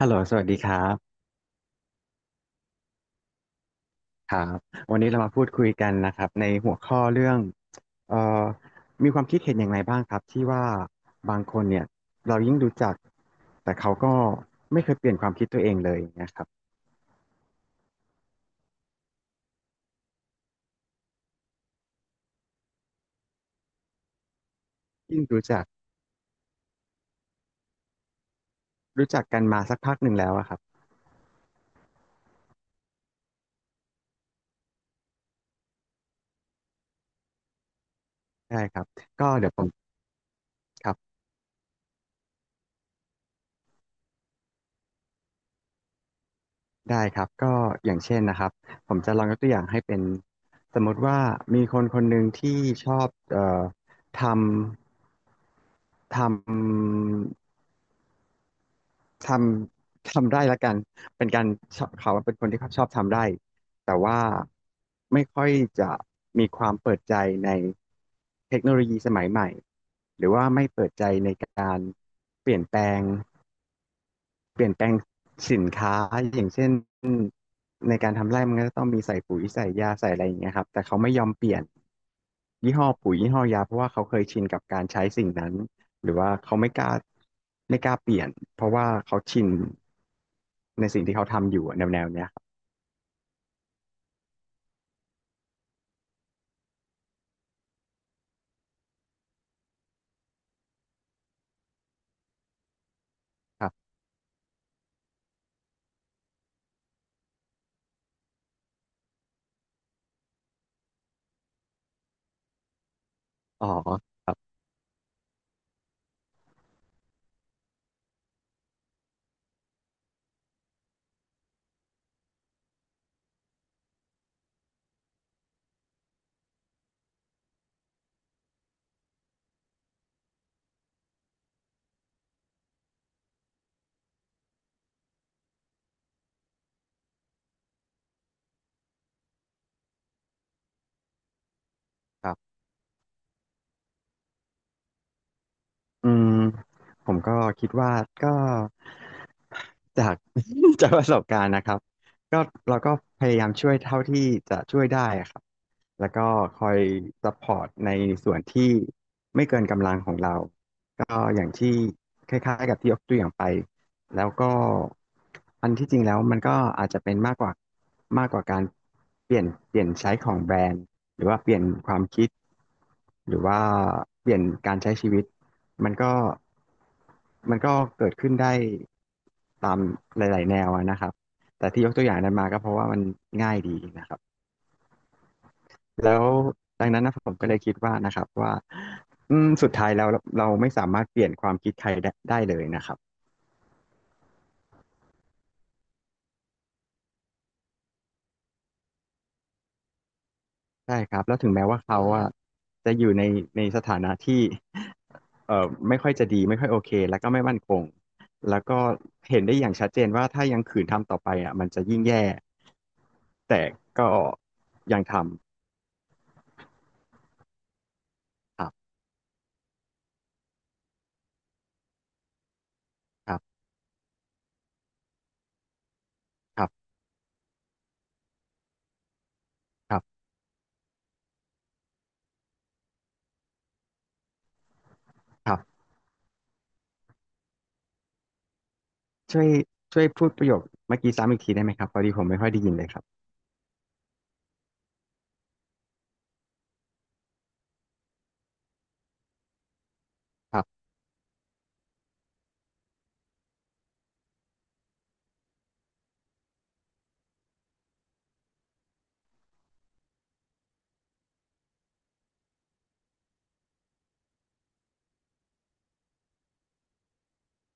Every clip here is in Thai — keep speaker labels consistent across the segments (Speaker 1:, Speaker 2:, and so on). Speaker 1: ฮัลโหลสวัสดีครับครับวันนี้เรามาพูดคุยกันนะครับในหัวข้อเรื่องเอ่อมีความคิดเห็นอย่างไรบ้างครับที่ว่าบางคนเนี่ยเรายิ่งรู้จักแต่เขาก็ไม่เคยเปลี่ยนความคิดตัวเองเลยอย่างเงี้ยครับยิ่งรู้จักกันมาสักพักหนึ่งแล้วอะครับได้ครับก็เดี๋ยวผมครับได้ครับก็อย่างเช่นนะครับผมจะลองยกตัวอย่างให้เป็นสมมติว่ามีคนคนหนึ่งที่ชอบทำทำ ทำ ทำได้ละกัน เป็นการชอบเขาเป็นคนที่ชอบทำได้ แต่ว่าไม่ค่อยจะมีความเปิดใจในเทคโนโลยีสมัยใหม่ หรือว่าไม่เปิดใจในการเปลี่ยนแปลง เปลี่ยนแปลงสินค้าอย่างเช่นในการทำไร่มันก็ต้องมีใส่ปุ๋ยใส่ยาใส่อะไรอย่างเงี้ยครับแต่เขาไม่ยอมเปลี่ยนยี่ห้อปุ๋ยยี่ห้อยาเพราะว่าเขาเคยชินกับการใช้สิ่งนั้นหรือว่าเขาไม่กล้าไม่กล้าเปลี่ยนเพราะว่าเขาชินในสิ่งที่เขาทำอยู่อะแนวแนวเนี้ยครับครับอ๋อครับครับอืมผมก็คิดว่าก็จาก จากประสบการณ์นะครับก็เราก็พยายามช่วยเท่าที่จะช่วยได้ครับ แล้วก็คอยซัพพอร์ตในส่วนที่ไม่เกินกำลังของเราก็อย่างที่คล้ายๆกับที่ยกตัวอย่างไปแล้วก็อันที่จริงแล้วมันก็อาจจะเป็นมากกว่ามากกว่าการเปลี่ยนเปลี่ยนใช้ของแบรนด์หรือว่าเปลี่ยนความคิดหรือว่าเปลี่ยนการใช้ชีวิตมันก็มันก็เกิดขึ้นได้ตามหลายๆแนวอะนะครับแต่ที่ยกตัวอย่างนั้นมาก็เพราะว่ามันง่ายดีนะครับ แล้วดังนั้นนะผมก็เลยคิดว่านะครับว่าสุดท้ายแล้วเราไม่สามารถเปลี่ยนความคิดใครได้เลยนะครับใช่ครับแล้วถึงแม้ว่าเขาอะจะอยู่ในสถานะที่ไม่ค่อยจะดีไม่ค่อยโอเคแล้วก็ไม่มั่นคงแล้วก็เห็นได้อย่างชัดเจนว่าถ้ายังขืนทำต่อไปอ่ะมันจะยิ่งแย่แต่ก็ยังทำครับครับครับครับครับช่วยช่วยพูดประโยคเมื่อกี้ซ้ำอีกทีได้ไหมครับพอดีผมไม่ค่อยได้ยินเลยครับครับ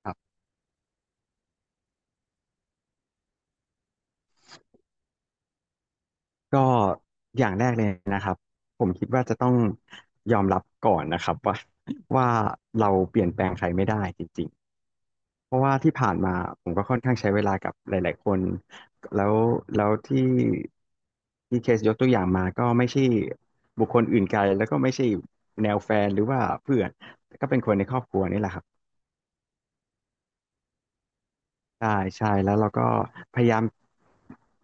Speaker 1: ครับ ก็อย่างแรกเลยนะครับผมคิดว่าจะต้องยอมรับก่อนนะครับว่า ว่าเราเปลี่ยนแปลงใครไม่ได้จริงๆเพราะว่าที่ผ่านมาผมก็ค่อนข้างใช้เวลากับหลายๆคนแล้วแล้วที่ที่เคสยกตัวอย่างมาก็ไม่ใช่บุคคลอื่นไกลแล้วก็ไม่ใช่แนวแฟนหรือว่าเพื่อนก็เป็นคนในครอบครัวนี่แหละครับ ใช่ใช่แล้วเราก็พยายาม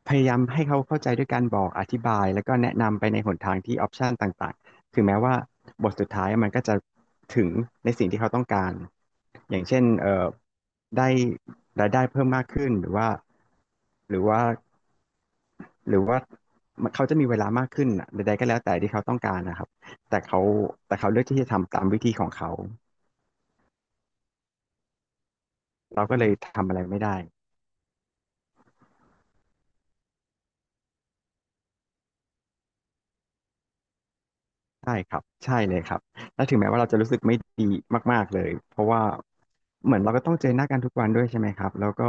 Speaker 1: พยายามให้เขาเข้าใจด้วยการบอกอธิบายแล้วก็แนะนำไปในหนทางที่ออปชันต่างๆถึงแม้ว่าบทสุดท้ายมันก็จะถึงในสิ่งที่เขาต้องการอย่างเช่นได้รายได้เพิ่มมากขึ้นหรือว่าหรือว่าหรือว่าเขาจะมีเวลามากขึ้นน่ะใดๆก็แล้วแต่ที่เขาต้องการนะครับแต่เขาแต่เขาเลือกที่จะทำตามวิธีของเขาเราก็เลยทำอะไรไม่ได้ ใช่ครับใช่เลยครับแล้วถึงแม้ว่าเราจะรู้สึกไม่ดีมากๆเลย เพราะว่าเหมือนเราก็ต้องเจอหน้ากันทุกวันด้วยใช่ไหมครับแล้วก็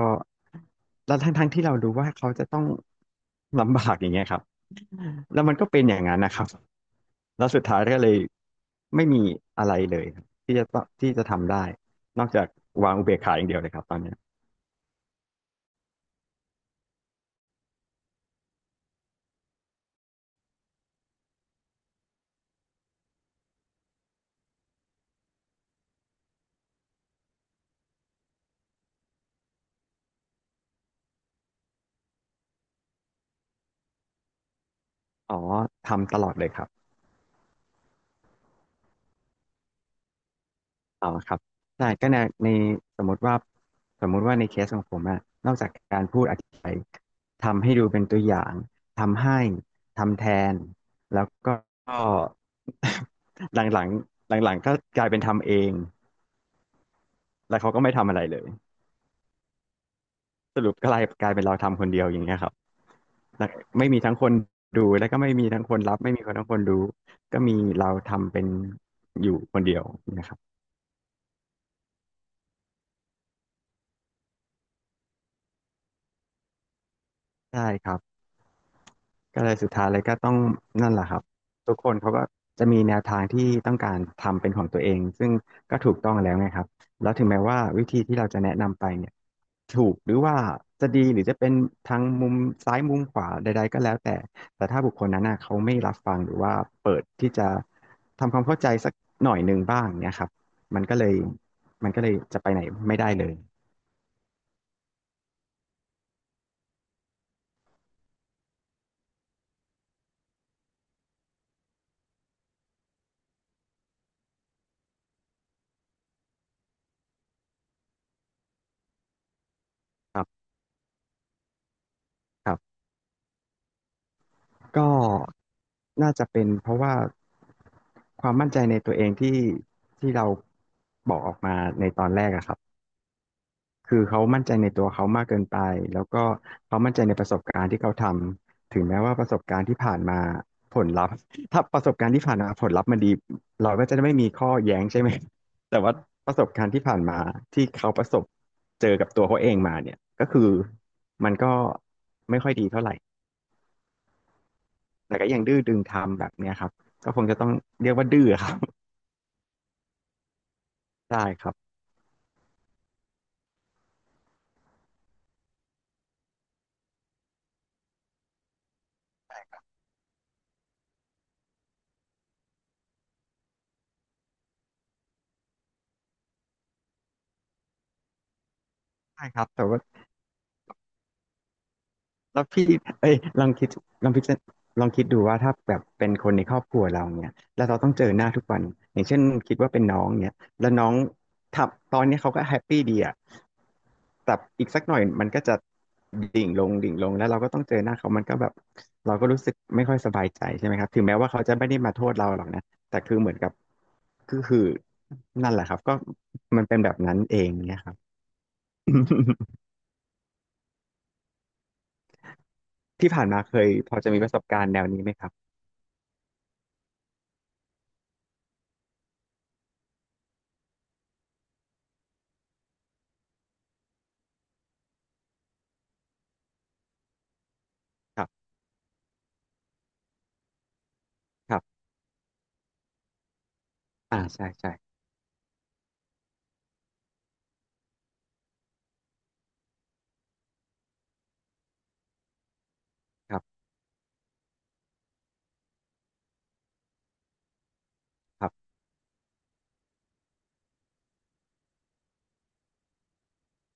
Speaker 1: แล้วทั้งทั้งที่เรารู้ว่าเขาจะต้องลำบากอย่างเงี้ยครับแล้วมันก็เป็นอย่างนั้นนะครับแล้วสุดท้ายก็เลยไม่มีอะไรเลยครับที่จะต้องที่จะทำได้ นอกจากวางอุเบกขาอย่างเดียวเลยครับตอนเนี้ยอ๋อทำตลอดเลยครับ อ๋อครับใช่ก็ในในสมมติว่าสมมุติว่าในเคสของผมอะนอกจากการพูดอธิบายทำให้ดูเป็นตัวอย่างทำให้ทำแทนแล้วก็ หลังหลังหลังหลังๆก็กลายเป็นทำเองแล้วเขาก็ไม่ทำอะไรเลยสรุปก็กลายเป็นเราทำคนเดียวอย่างเงี้ยครับแล้วไม่มีทั้งคนดูแล้วก็ไม่มีทั้งคนรับไม่มีคนทั้งคนรู้ก็มีเราทำเป็นอยู่คนเดียวนะครับใช่ครับ ก็เลยสุดท้ายเลยก็ต้องนั่นแหละครับทุกคนเขาก็จะมีแนวทางที่ต้องการทำเป็นของตัวเองซึ่งก็ถูกต้องแล้วไงครับแล้วถึงแม้ว่าวิธีที่เราจะแนะนำไปเนี่ยถูกหรือว่าจะดีหรือจะเป็นทางมุมซ้ายมุมขวาใดๆก็แล้วแต่แต่ถ้าบุคคลนั้นน่ะเขาไม่รับฟังหรือว่าเปิดที่จะทำความเข้าใจสักหน่อยหนึ่งบ้างเนี่ยครับมันก็เลยมันก็เลยจะไปไหนไม่ได้เลยครับครับ ก็น่าจะเป็นเพราะว่าความมั่นใจในตัวเองที่เราบอกออกมาในตอนแรกอะครับคือเขามั่นใจในตัวเขามากเกินไปแล้วก็เขามั่นใจในประสบการณ์ที่เขาทำถึงแม้ว่าประสบการณ์ที่ผ่านมาผลลัพธ์ถ้าประสบการณ์ที่ผ่านมาผลลัพธ์มันดีเราก็จะไม่มีข้อแย้งใช่ไหมแต่ว่าประสบการณ์ที่ผ่านมาที่เขาประสบเจอกับตัวเขาเองมาเนี่ยก็คือมันก็ไม่ค่อยดีเท่าไหร่ แต่ก็ยังดื้อดึงทำแบบเนี้ยครับก็คงจะต้องเรียกว่าดื้อครับ ได้ครับใช่ครับแต่ว่า แล้วพี่เอ้ยลองคิดลองพิจารลองคิดดูว่าถ้าแบบเป็นคนในครอบครัวเราเนี่ยแล้วเราต้องเจอหน้าทุกวันอย่างเช่นคิดว่าเป็นน้องเนี่ยแล้วน้องทับตอนเนี้ยเขาก็แฮปปี้ดีอะแต่อีกสักหน่อยมันก็จะดิ่งลงดิ่งลงแล้วเราก็ต้องเจอหน้าเขามันก็แบบเราก็รู้สึกไม่ค่อยสบายใจใช่ไหมครับถึงแม้ว่าเขาจะไม่ได้มาโทษเราหรอกนะแต่คือเหมือนกับคือนั่นแหละครับก็มันเป็นแบบนั้นเองเนี่ยครับ ที่ผ่านมาเคยพอจะมีประสบการณ์แนวนี้ไหมครับครับครับ อ่าใช่ใช่ครับครับ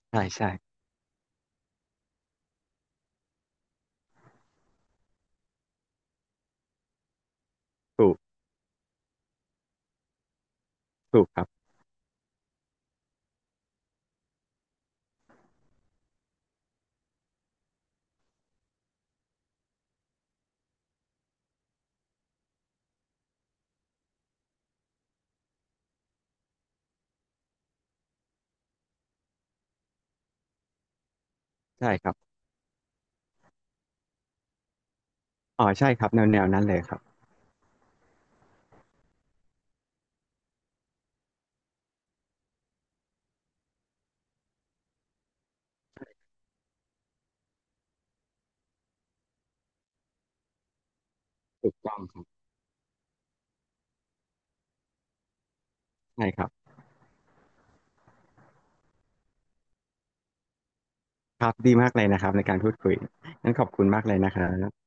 Speaker 1: ใช่ใช่ถูกถูกครับใช่ครับอ๋อใช่ครับแนวแนวนั้นเลยครับถูกต้องครับใช่ครับครับดีมากเลยนะครับในการพูดคุยงั้นขอบคุณมากเลยนะครับ